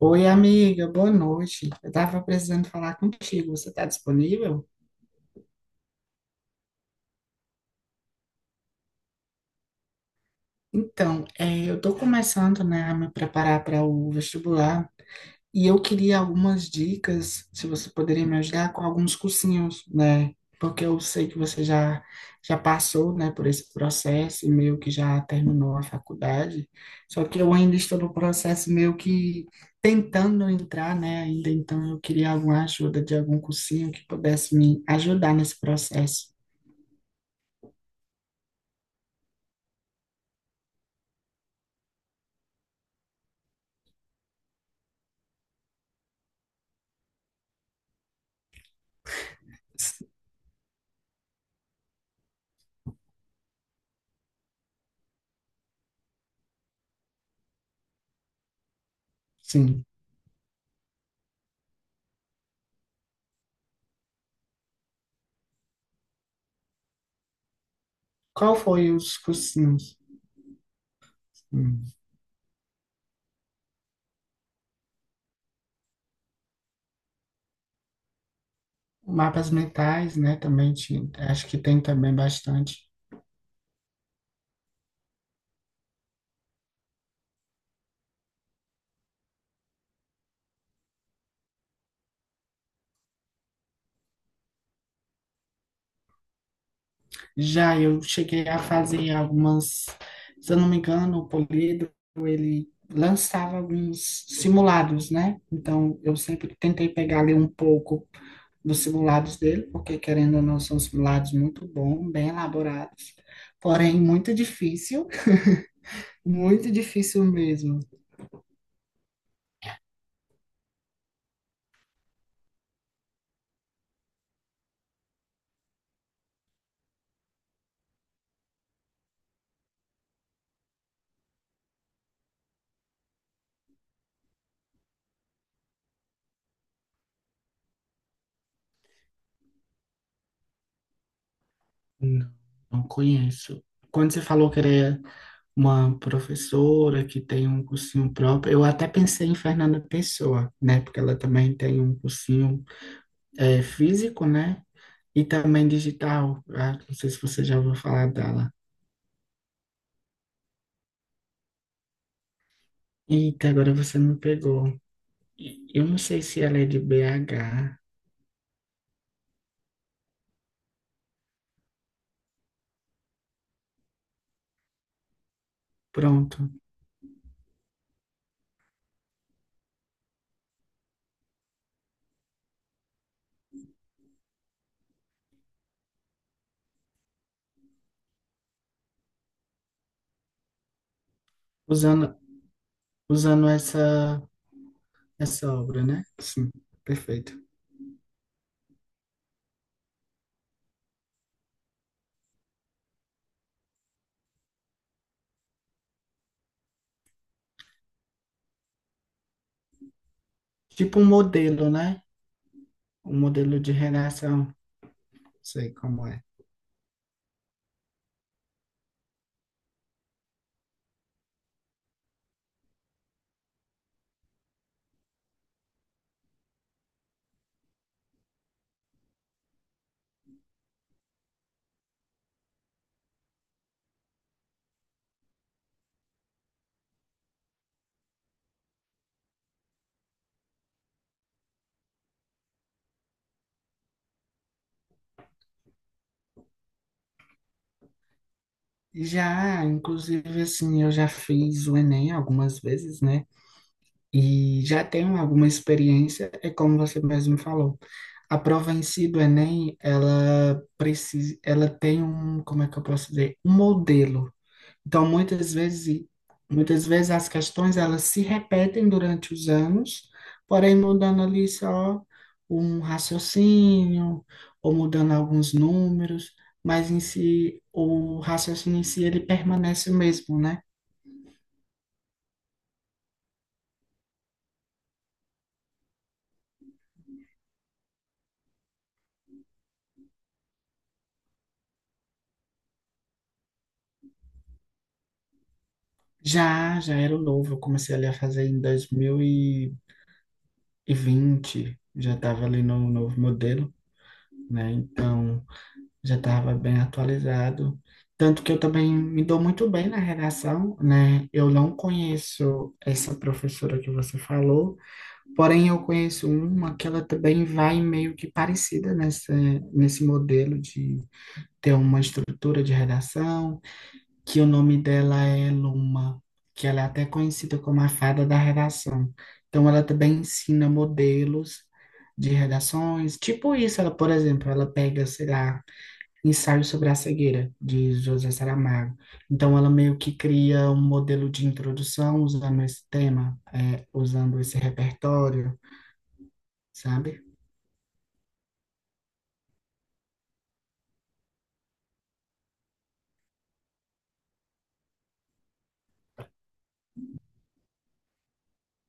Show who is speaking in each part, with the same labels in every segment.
Speaker 1: Oi, amiga, boa noite. Eu estava precisando falar contigo. Você está disponível? Então, eu estou começando, né, a me preparar para o vestibular. E eu queria algumas dicas, se você poderia me ajudar com alguns cursinhos, né? Porque eu sei que você já passou, né, por esse processo e meio que já terminou a faculdade. Só que eu ainda estou no processo meio que tentando entrar, né, ainda, então eu queria alguma ajuda de algum cursinho que pudesse me ajudar nesse processo. Sim. Qual foi os cursinhos? Hum. Mapas mentais, né, também tinha, acho que tem também bastante. Já eu cheguei a fazer algumas, se eu não me engano, o Poliedro, ele lançava alguns simulados, né? Então, eu sempre tentei pegar ali um pouco dos simulados dele, porque querendo ou não, são simulados muito bons, bem elaborados, porém muito difícil mesmo. Não, não conheço. Quando você falou que era uma professora que tem um cursinho próprio, eu até pensei em Fernanda Pessoa, né? Porque ela também tem um cursinho é, físico, né? E também digital. Ah, não sei se você já ouviu falar dela. Eita, agora você me pegou. Eu não sei se ela é de BH. Pronto. Usando, usando essa, essa obra, né? Sim, perfeito. Tipo um modelo, né? Um modelo de redação. Sei como é. Já, inclusive, assim, eu já fiz o Enem algumas vezes, né? E já tenho alguma experiência, é como você mesmo falou. A prova em si do Enem, ela precisa, ela tem um, como é que eu posso dizer, um modelo. Então, muitas vezes as questões elas se repetem durante os anos, porém mudando ali só um raciocínio ou mudando alguns números, mas em si o raciocínio em si ele permanece o mesmo, né? Já, já era o novo, eu comecei ali a fazer em dois mil e vinte, já estava ali no novo modelo, né? Então já estava bem atualizado. Tanto que eu também me dou muito bem na redação, né? Eu não conheço essa professora que você falou, porém eu conheço uma que ela também vai meio que parecida nessa, nesse modelo de ter uma estrutura de redação, que o nome dela é Luma, que ela é até conhecida como a fada da redação. Então, ela também ensina modelos de redações, tipo isso, ela, por exemplo, ela pega, sei lá, Ensaio sobre a Cegueira, de José Saramago. Então, ela meio que cria um modelo de introdução usando esse tema, é, usando esse repertório, sabe?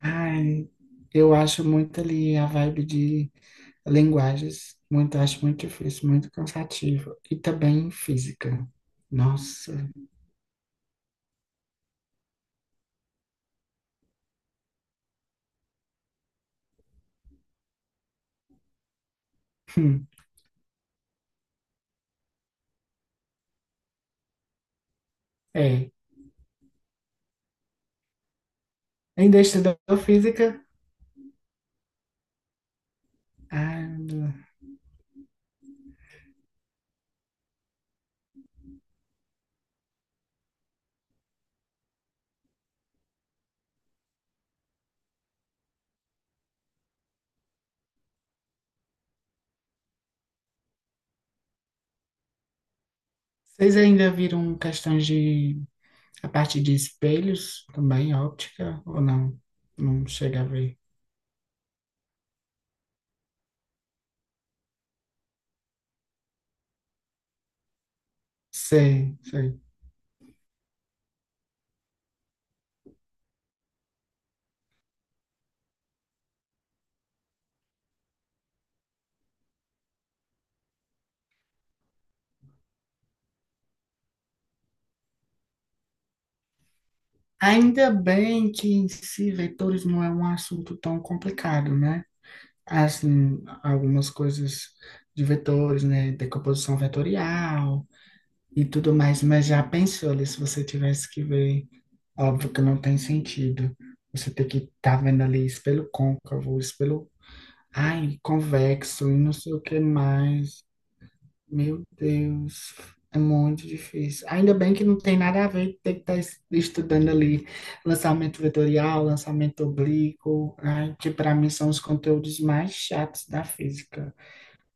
Speaker 1: Ai, eu acho muito ali a vibe de linguagens, muito, acho muito difícil, muito cansativo. E também física. Nossa, hum, é. Ainda estudou física? Ai, meu Deus. Vocês ainda viram questões de a parte de espelhos também, óptica, ou não? Não chega a ver. Sei, sei. Ainda bem que em si vetores não é um assunto tão complicado, né? Assim, algumas coisas de vetores, né? Decomposição vetorial e tudo mais, mas já pensou ali se você tivesse que ver? Óbvio que não tem sentido. Você ter que estar vendo ali espelho côncavo, espelho, ai, convexo e não sei o que mais. Meu Deus, é muito difícil. Ainda bem que não tem nada a ver ter que estar estudando ali lançamento vetorial, lançamento oblíquo, né, que para mim são os conteúdos mais chatos da física.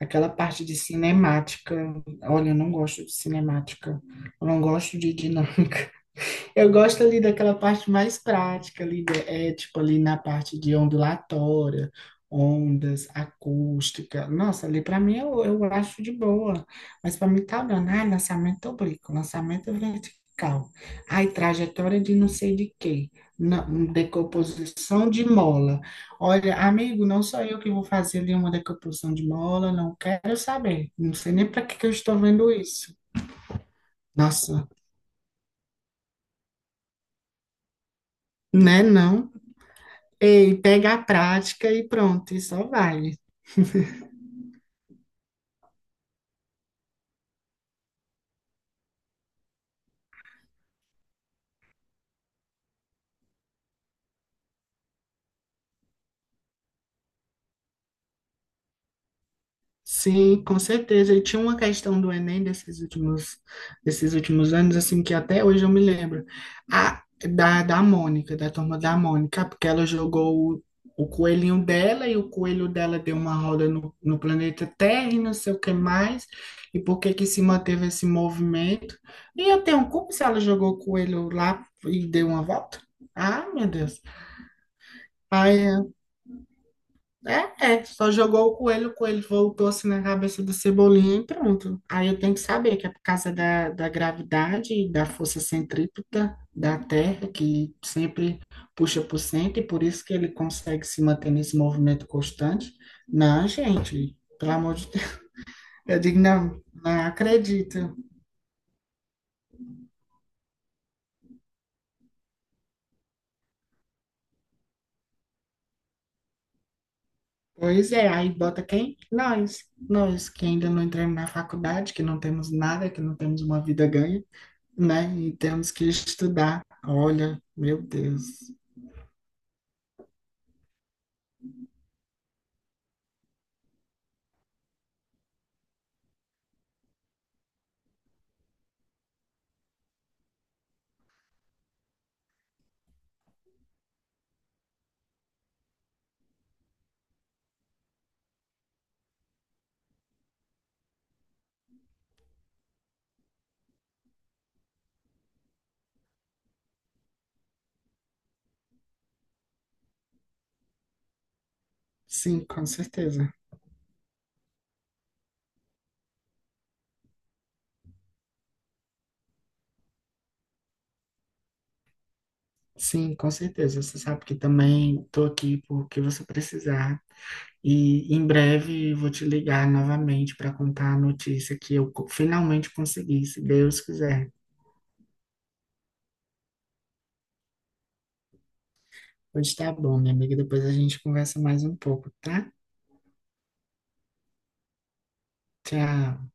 Speaker 1: Aquela parte de cinemática, olha, eu não gosto de cinemática, eu não gosto de dinâmica. Eu gosto ali daquela parte mais prática ali, né? É tipo ali na parte de ondulatória, ondas, acústica. Nossa, ali para mim eu acho de boa. Mas para mim tá dando, ai, lançamento oblíquo, lançamento vertical. Ai, trajetória de não sei de quê. Não, decomposição de mola. Olha, amigo, não sou eu que vou fazer ali uma decomposição de mola, não quero saber. Não sei nem para que que eu estou vendo isso. Nossa, né, não? Ei, pega a prática e pronto, e só vai. Sim, com certeza. E tinha uma questão do Enem desses últimos anos, assim, que até hoje eu me lembro, a, da, da Mônica, da Turma da Mônica, porque ela jogou o coelhinho dela e o coelho dela deu uma roda no, no planeta Terra e não sei o que mais, e por que que se manteve esse movimento. E eu tenho como se ela jogou o coelho lá e deu uma volta? Ah, meu Deus. É, é, só jogou o coelho voltou assim na cabeça do Cebolinha e pronto. Aí eu tenho que saber que é por causa da, da gravidade e da força centrípeta da Terra, que sempre puxa para o centro, e por isso que ele consegue se manter nesse movimento constante. Não, gente, pelo amor de Deus. Eu digo, não, não acredito. Pois é, aí bota quem? Nós. Nós, que ainda não entramos na faculdade, que não temos nada, que não temos uma vida ganha. Né? E temos que estudar. Olha, meu Deus. Sim, com certeza. Sim, com certeza. Você sabe que também estou aqui porque você precisar. E em breve vou te ligar novamente para contar a notícia que eu finalmente consegui, se Deus quiser. Pois tá bom, minha amiga. Depois a gente conversa mais um pouco, tá? Tchau.